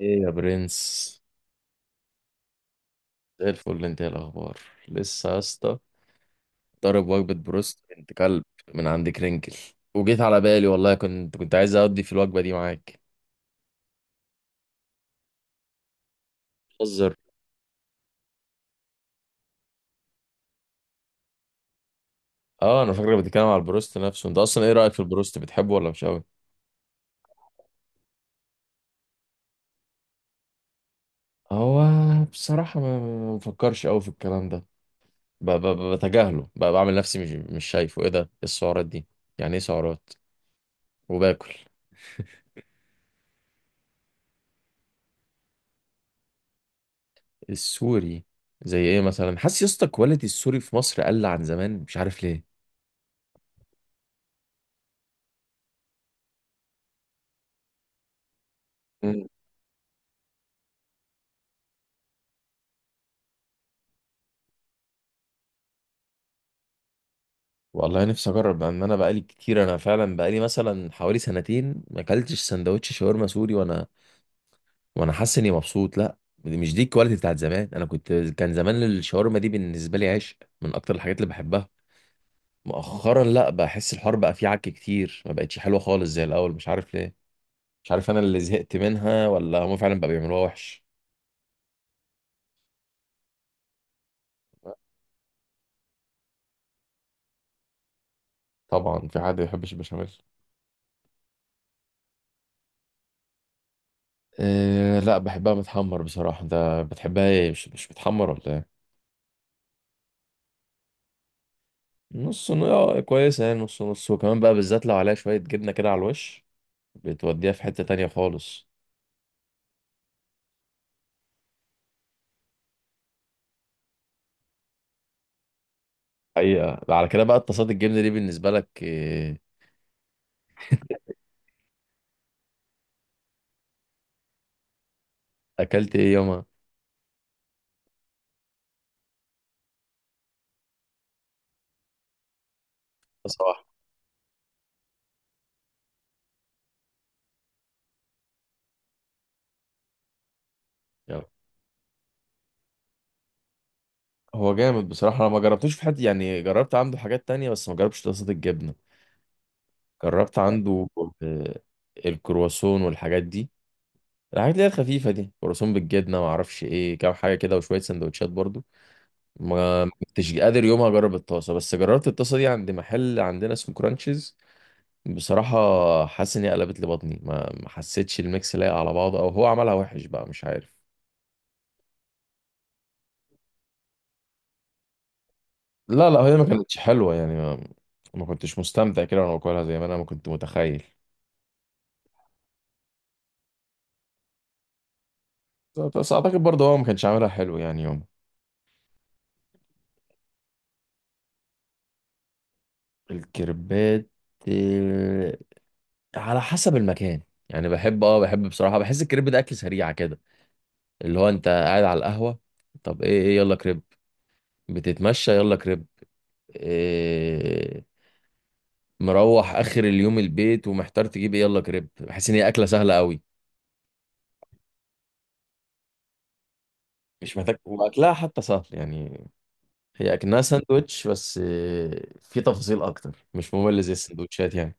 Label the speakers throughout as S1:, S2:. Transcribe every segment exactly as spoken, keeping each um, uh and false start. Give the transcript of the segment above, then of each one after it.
S1: ايه يا برنس. زي الفل، انت ايه الاخبار؟ لسه يا اسطى. ضارب وجبه بروست، انت كلب، من عند كرنكل. وجيت على بالي والله كنت كنت عايز اقضي في الوجبه دي معاك. بتهزر. اه انا فاكرك بتتكلم على البروست نفسه. انت اصلا ايه رايك في البروست، بتحبه ولا مش قوي؟ هو بصراحه ما ما بفكرش قوي في الكلام ده. ب- ب- ب- بتجاهله، ب- بعمل نفسي مش مش شايفه. ايه ده؟ إيه السعرات دي؟ يعني ايه سعرات وباكل؟ السوري. زي ايه مثلا؟ حاسس يا اسطى كواليتي السوري في مصر قل عن زمان، مش عارف ليه. والله نفسي اجرب. بان انا بقالي كتير، انا فعلا بقالي مثلا حوالي سنتين ما اكلتش سندوتش شاورما سوري، وانا وانا حاسس اني مبسوط. لا، دي مش دي الكواليتي بتاعت زمان. انا كنت، كان زمان الشاورما دي بالنسبه لي عشق، من اكتر الحاجات اللي بحبها. مؤخرا لا، بحس الحوار بقى فيه عك كتير، ما بقتش حلوه خالص زي الاول، مش عارف ليه. مش عارف انا اللي زهقت منها ولا هم فعلا بقى بيعملوها وحش. طبعا في حد ما يحبش البشاميل؟ أه لا، بحبها متحمر بصراحه. ده بتحبها ايه، مش مش متحمر ولا ايه؟ نص ن- اه، كويسة يعني نص نص. وكمان بقى بالذات لو عليها شوية جبنة كده على الوش، بتوديها في حتة تانية خالص. حقيقة على كده بقى، اتصاد الجبنة دي بالنسبة لك إيه؟ أكلت إيه يومها؟ صباح. يلا. هو جامد بصراحة. أنا ما جربتوش في حتة يعني، جربت عنده حاجات تانية بس ما جربتش اتصاد الجبنة. جربت عنده، آه، الكرواسون والحاجات دي، الحاجات اللي هي الخفيفة دي كرواسون بالجبنة ما أعرفش إيه، كام حاجة كده وشوية سندوتشات برضو. ما ما كنتش قادر يومها اجرب الطاسه، بس جربت الطاسه دي عند محل عندنا اسمه كرانشز. بصراحه حاسس ان هي قلبت لي بطني، ما ما حسيتش الميكس لايق على بعضه، او هو عملها وحش بقى، مش عارف. لا لا، هي ما كانتش حلوه يعني، ما, ما كنتش مستمتع كده وانا باكلها زي ما انا ما كنت متخيل. بس اعتقد برضه هو ما كانش عاملها حلو يعني يوم الكريبات. آه، على حسب المكان. يعني بحب، اه بحب بصراحه، بحس الكريب ده اكل سريع كده، اللي هو انت قاعد على القهوه، طب ايه، ايه يلا كريب، بتتمشى يلا كريب، إيه، مروح اخر اليوم البيت ومحتار تجيب ايه، يلا كريب. بحس ان هي اكله سهله قوي. مش محتاج، واكلها حتى سهل يعني. هي اكنها ساندوتش بس إيه، في تفاصيل اكتر، مش ممل زي السندوتشات يعني.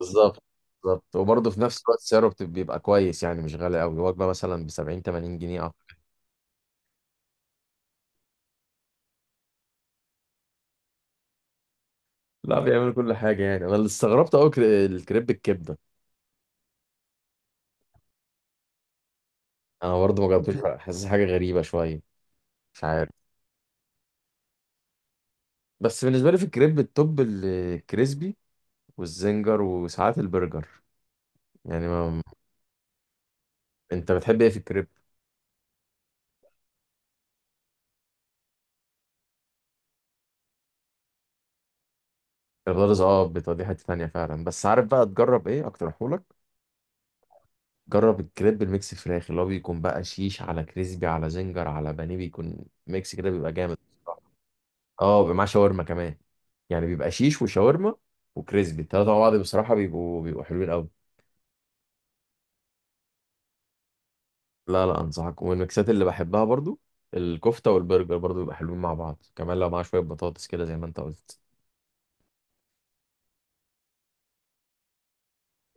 S1: بالظبط، بالظبط. وبرضه في نفس الوقت سعره بت- بيبقى كويس يعني، مش غالي قوي، وجبه مثلا ب سبعين تمانين جنيه، اه. لا بيعملوا كل حاجه يعني. انا اللي استغربت قوي الكريب الكبده. انا برضه ما جربتوش حاسس حاجه غريبه شويه، مش عارف. بس بالنسبة لي في الكريب التوب الكريسبي والزنجر وساعات البرجر، يعني ما... انت بتحب ايه في الكريب؟ البطاطس اه بتودي، دي حتة تانية فعلا. بس عارف بقى تجرب ايه، اقترحهولك؟ جرب الكريب الميكس فراخ، اللي هو بيكون بقى شيش على كريسبي على زنجر على بانيه، بيكون ميكس كده بيبقى جامد بصراحة. اه بيبقى معاه شاورما كمان، يعني بيبقى شيش وشاورما وكريسبي، التلاتة مع بعض بصراحة بيبقوا بيبقوا حلوين قوي. لا لا، انصحك. والميكسات اللي بحبها برضو الكفته والبرجر، برضو بيبقى حلوين مع بعض، كمان لو معاه شويه بطاطس كده زي ما انت قلت.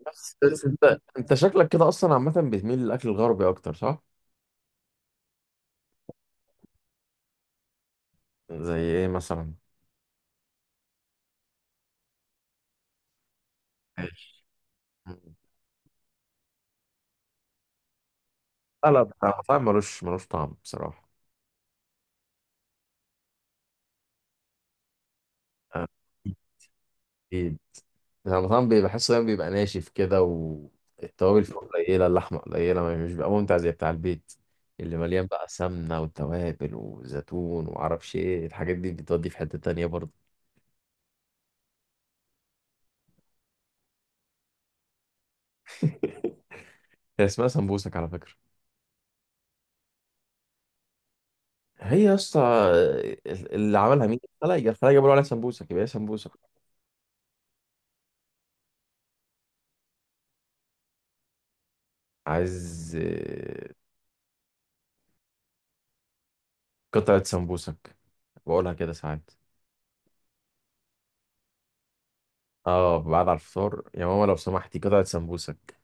S1: بس بس انت انت شكلك كده اصلا عامه بتميل للاكل الغربي اكتر، صح؟ زي ايه مثلا؟ ماشي. لا لا، بتاع المطاعم ملوش ملوش طعم بصراحه. آه، اكيد. بتاع المطاعم بي- بحسه دايما بيبقى ناشف كده، والتوابل فيه قليله، اللحمه قليله، ما- مش بيبقى ممتع زي بتاع البيت، اللي مليان بقى سمنه وتوابل وزيتون ومعرفش ايه، الحاجات دي بتودي في حته تانيه برضه. هي اسمها سمبوسك على فكرة. هي يا اسطى، ال- اللي عملها مين؟ الخلايا، الخلايا بيقولوا عليها سمبوسك، يبقى هي سمبوسك. عايز، آه، قطعة سمبوسك، بقولها كده ساعات. اه بعد على الفطار يا ماما لو سمحتي قطعة سمبوسك.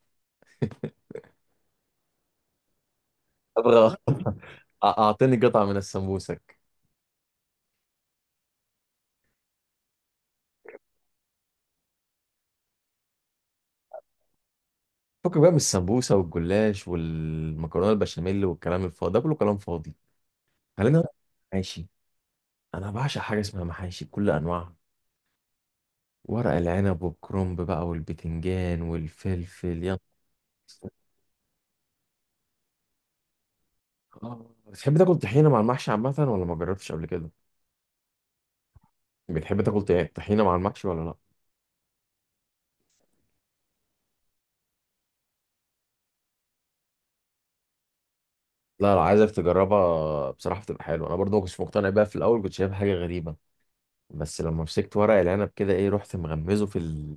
S1: ابغى أ- اعطيني قطعة من السمبوسك. فكك بقى من السمبوسة والجلاش والمكرونة البشاميل والكلام الفاضي ده، كله كلام فاضي. خلينا. محاشي. انا بعشق حاجة اسمها محاشي بكل انواعها، ورق العنب والكرنب بقى والبتنجان والفلفل. يا آه. بتحب تاكل طحينه مع المحشي عامه ولا ما جربتش قبل كده؟ بتحب تاكل طي- طحينه مع المحشي ولا لا؟ لا لا، عايزك تجربها بصراحه، بتبقى حلوه. انا برضو ما كنتش مقتنع بيها في الاول، كنت شايفها حاجه غريبه. بس لما مسكت ورق العنب كده، ايه، رحت مغمزه في ال...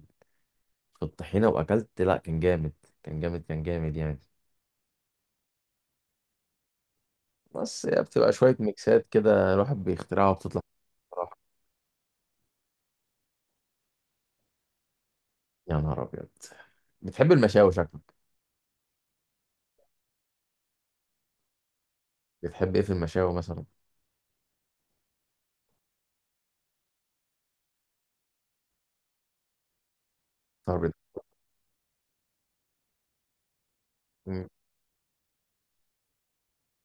S1: في الطحينه واكلت. لا، كان جامد، كان جامد كان جامد يعني. بس هي بتبقى شويه ميكسات كده الواحد بيخترعها وبتطلع. بصراحه، يا نهار ابيض. بتحب المشاوي شكلك. بتحب ايه في المشاوي مثلا؟ طرب.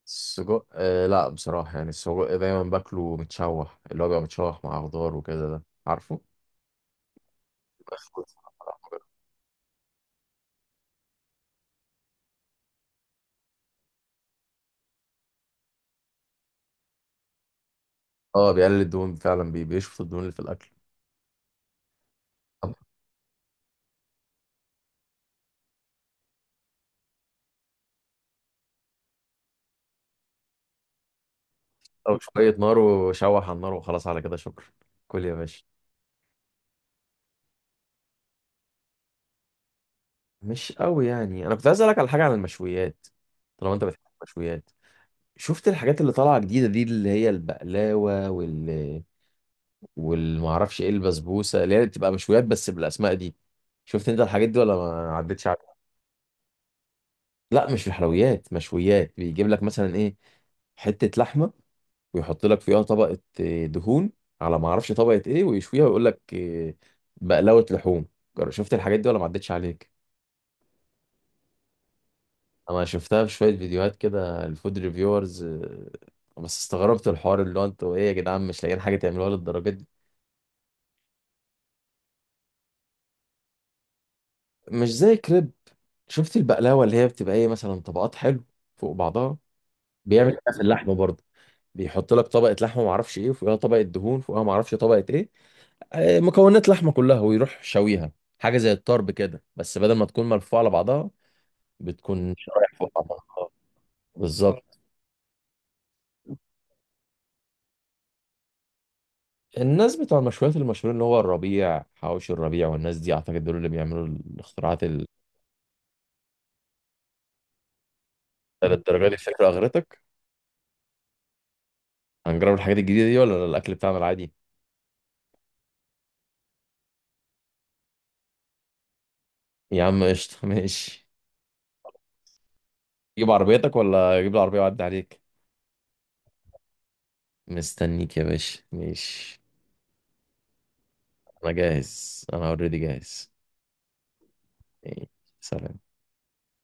S1: السجق، آه لا بصراحة يعني. السجق دايما باكله متشوح، اللي هو بيبقى متشوح مع خضار وكده، ده عارفه؟ مشكوك. اه بيقلل الدهون فعلا، بي- بيشفط الدهون اللي في الأكل. أو شوية نار وشوح على النار وخلاص، على كده شكرا، كل يا باشا. مش قوي يعني. أنا كنت عايز أسألك على حاجة عن المشويات طالما أنت بتحب المشويات. شفت الحاجات اللي طالعة جديدة دي، اللي هي البقلاوة وال والمعرفش إيه البسبوسة، اللي هي بتبقى مشويات بس بالأسماء دي. شفت أنت الحاجات دي ولا ما عدتش؟ لا، مش في حلويات، مشويات. بيجيب لك مثلا ايه، حته لحمه، ويحط لك فيها طبقه آه، دهون، على ما اعرفش طبقه ايه، ويشويها ويقول لك آه، بقلاوه لحوم. جر- شفت الحاجات دي ولا ما عدتش عليك؟ انا شفتها في شويه فيديوهات كده، الفود ريفيورز. بس استغربت الحوار، اللي هو انتوا ايه يا جدعان، مش لاقيين حاجه تعملوها للدرجه دي؟ مش زي كريب. شفت البقلاوه، اللي هي بتبقى ايه مثلا، طبقات حلو فوق بعضها. بيعمل كده في اللحمه برضه. بيحط لك طبقه لحمه ما اعرفش ايه، وفوقها طبقه دهون، فوقها ما اعرفش طبقه ايه، آه، مكونات لحمه كلها ويروح شويها. حاجه زي الطرب كده، بس بدل ما تكون ملفوعه على بعضها بتكون شرايح فوق بعضها. آه، بالظبط. الناس بتوع المشويات المشهورين اللي هو الربيع، حواوشي الربيع، والناس دي اعتقد دول اللي بيعملوا الاختراعات ال- للدرجه دي. الفكره اغرتك. هنجرب الحاجات الجديده دي ولا الاكل بتاعنا العادي؟ يا عم قشطه ماشي. جيب عربيتك ولا اجيب العربيه واعدي عليك؟ مستنيك يا باشا، ماشي. انا جاهز، انا اوريدي جاهز. إيه، سلام.